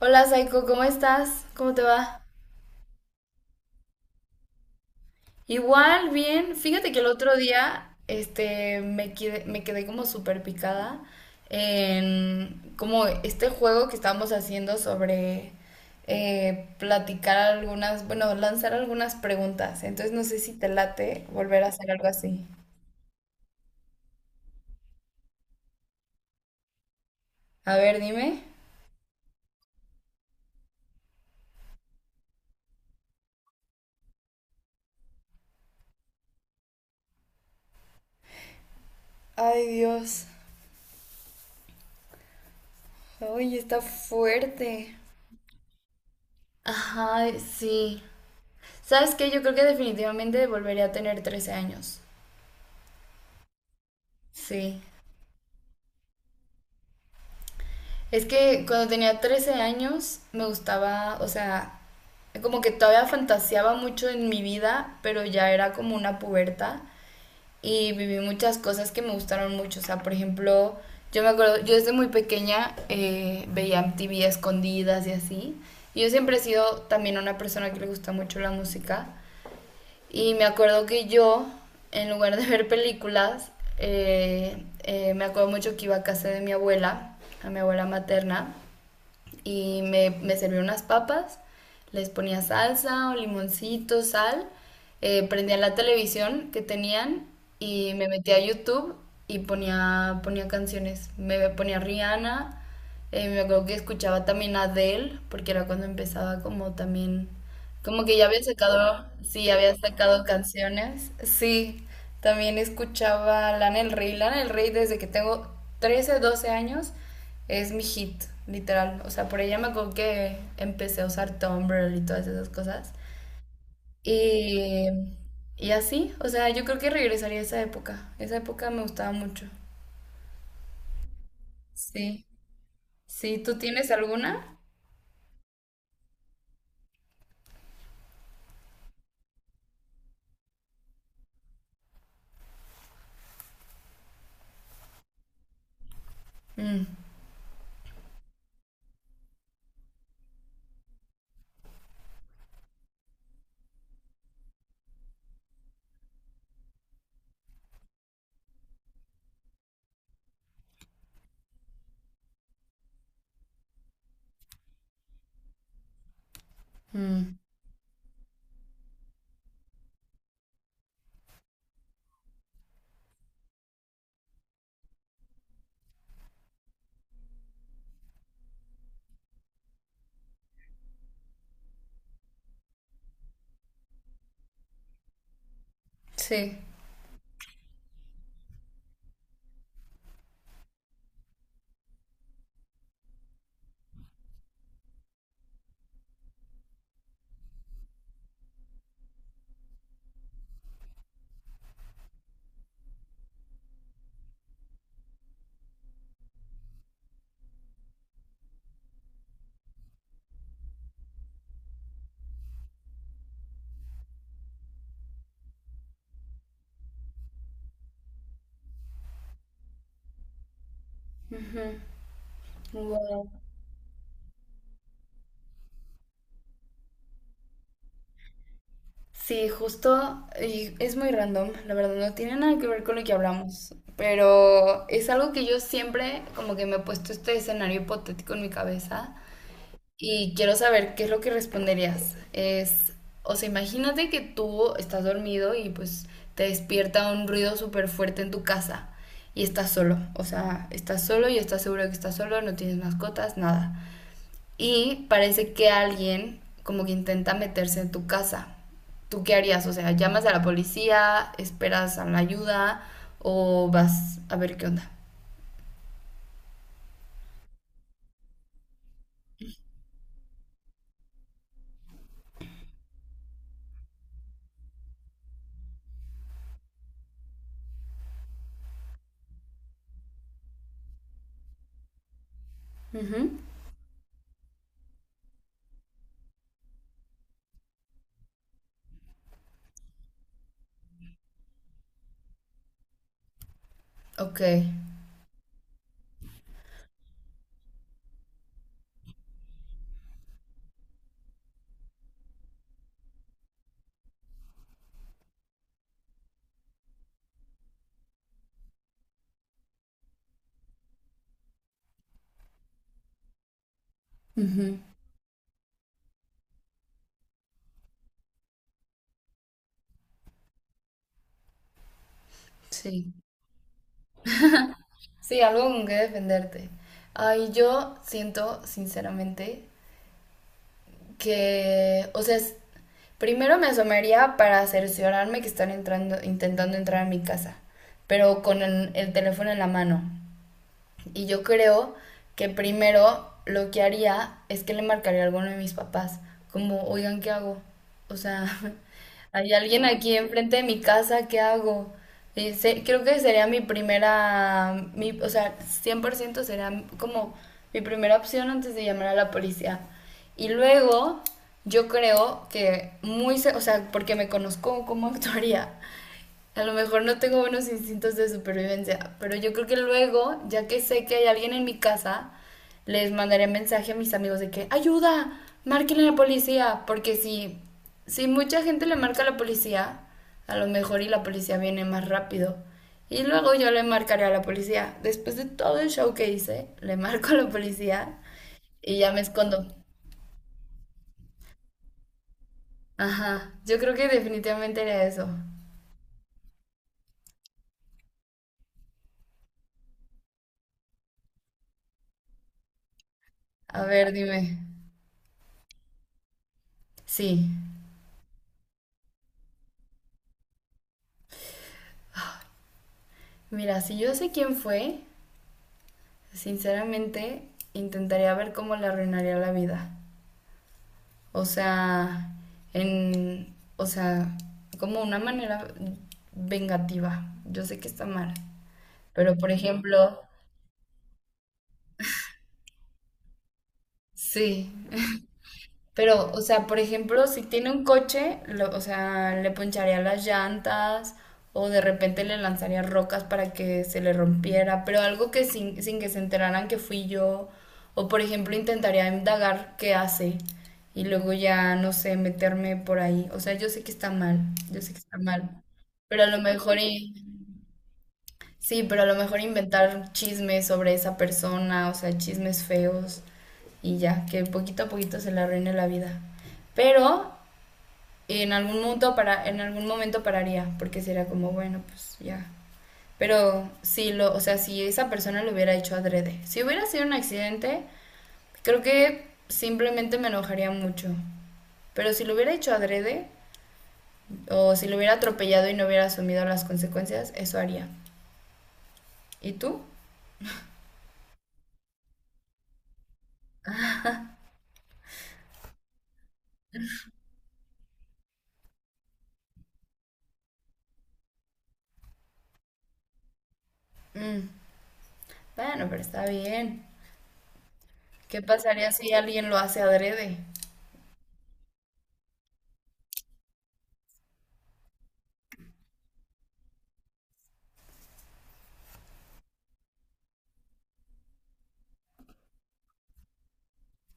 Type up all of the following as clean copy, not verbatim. Hola Saiko, ¿cómo estás? ¿Cómo te va? Igual, bien. Fíjate que el otro día, me quedé como súper picada en como este juego que estábamos haciendo sobre platicar algunas, bueno, lanzar algunas preguntas. Entonces no sé si te late volver a hacer algo así. A ver, dime. Ay, Dios. Ay, está fuerte. Ajá, sí. ¿Sabes qué? Yo creo que definitivamente volvería a tener 13 años. Sí. Es que cuando tenía 13 años me gustaba, o sea, como que todavía fantaseaba mucho en mi vida, pero ya era como una puberta y viví muchas cosas que me gustaron mucho. O sea, por ejemplo, yo me acuerdo, yo desde muy pequeña veía MTV a escondidas y así. Y yo siempre he sido también una persona que le gusta mucho la música. Y me acuerdo que yo, en lugar de ver películas, me acuerdo mucho que iba a casa de mi abuela, a mi abuela materna, y me servía unas papas, les ponía salsa o limoncito, sal, prendía la televisión que tenían y me metía a YouTube y ponía canciones. Me ponía Rihanna, me acuerdo que escuchaba también a Adele, porque era cuando empezaba como también, como que ya había sacado, sí, había sacado canciones. Sí, también escuchaba Lana del Rey desde que tengo 13 12 años es mi hit, literal. O sea, por ella me acuerdo que empecé a usar Tumblr y todas esas cosas. Y, y así, o sea, yo creo que regresaría a esa época. Esa época me gustaba mucho. Sí. Sí, ¿tú tienes alguna? Mm, mm, sí. Ujú. Wow. Sí, justo, y es muy random, la verdad, no tiene nada que ver con lo que hablamos, pero es algo que yo siempre como que me he puesto este escenario hipotético en mi cabeza. Y quiero saber qué es lo que responderías. O sea, imagínate que tú estás dormido y pues te despierta un ruido súper fuerte en tu casa y estás solo. O sea, estás solo y estás seguro que estás solo, no tienes mascotas, nada. Y parece que alguien como que intenta meterse en tu casa. ¿Tú qué harías? O sea, ¿llamas a la policía, esperas a la ayuda o vas a ver qué onda? Ujú. Ok, ujú. Sí. Sí, algo con que defenderte. Ay, yo siento, sinceramente, que, o sea, primero me asomaría para cerciorarme que están entrando, intentando entrar a mi casa, pero con el teléfono en la mano. Y yo creo que primero lo que haría es que le marcaría a alguno de mis papás, como, oigan, ¿qué hago? O sea, hay alguien aquí enfrente de mi casa, ¿qué hago? Y creo que sería mi primera, mi, o sea, 100% sería como mi primera opción antes de llamar a la policía. Y luego, yo creo que o sea, porque me conozco cómo actuaría, a lo mejor no tengo buenos instintos de supervivencia, pero yo creo que luego, ya que sé que hay alguien en mi casa, les mandaré mensaje a mis amigos de que, ayuda, márquenle a la policía, porque si mucha gente le marca a la policía, a lo mejor y la policía viene más rápido. Y luego yo le marcaré a la policía. Después de todo el show que hice, le marco a la policía y ya me escondo. Ajá, yo creo que definitivamente era eso. A ver, dime. Sí. Mira, si yo sé quién fue, sinceramente intentaría ver cómo le arruinaría la vida. O sea, o sea, como una manera vengativa. Yo sé que está mal, pero por ejemplo, sí, pero, o sea, por ejemplo, si tiene un coche, o sea, le poncharía las llantas o de repente le lanzaría rocas para que se le rompiera, pero algo que sin que se enteraran que fui yo. O, por ejemplo, intentaría indagar qué hace y luego ya, no sé, meterme por ahí. O sea, yo sé que está mal, yo sé que está mal, pero a lo mejor. Sí, pero a lo mejor inventar chismes sobre esa persona, o sea, chismes feos y ya, que poquito a poquito se le arruine la vida. Pero en algún momento en algún momento pararía, porque sería como, bueno, pues ya. Pero o sea, si esa persona lo hubiera hecho adrede, si hubiera sido un accidente, creo que simplemente me enojaría mucho. Pero si lo hubiera hecho adrede, o si lo hubiera atropellado y no hubiera asumido las consecuencias, eso haría. ¿Y tú? Mm. Bueno, pero está bien. ¿Qué pasaría si alguien lo hace adrede?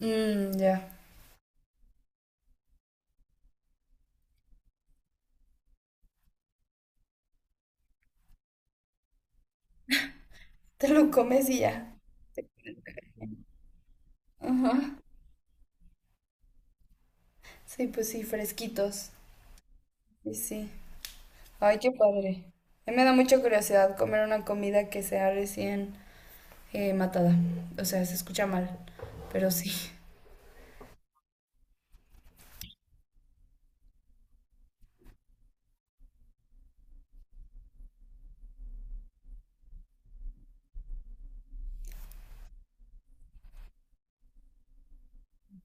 Mmm, ya. Te lo comes y ya. Ajá. Sí, pues sí, fresquitos. Sí, sí. Ay, qué padre. A mí me da mucha curiosidad comer una comida que sea recién matada. O sea, se escucha mal, pero sí.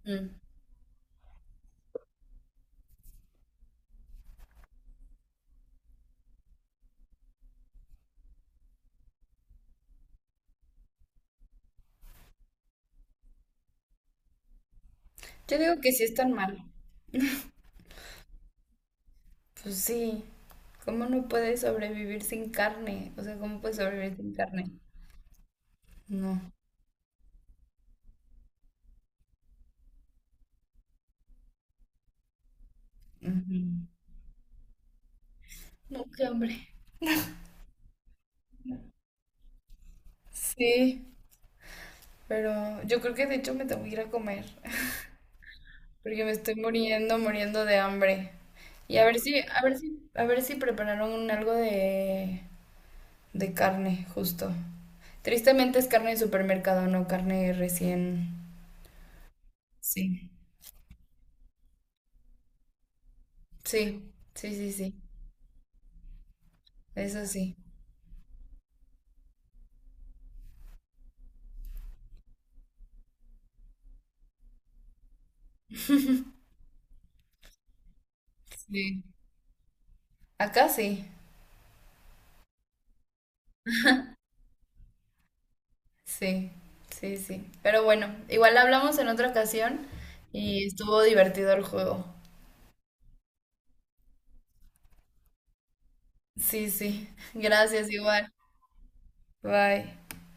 Mm. Yo digo que sí están mal. Pues sí. ¿Cómo no puedes sobrevivir sin carne? O sea, ¿cómo puedes sobrevivir sin carne? No. Ujú. No, qué hambre. Sí. Pero yo creo que de hecho me tengo que ir a comer, porque me estoy muriendo, muriendo de hambre. Y a ver si, a ver si, a ver si prepararon un algo de, carne, justo. Tristemente es carne de supermercado, no carne recién. Sí. Sí, sí, sí, sí. Eso sí. Sí. Acá sí. Sí, sí, sí. Pero bueno, igual hablamos en otra ocasión y estuvo divertido el juego. Sí, sí. Gracias, igual. Bye.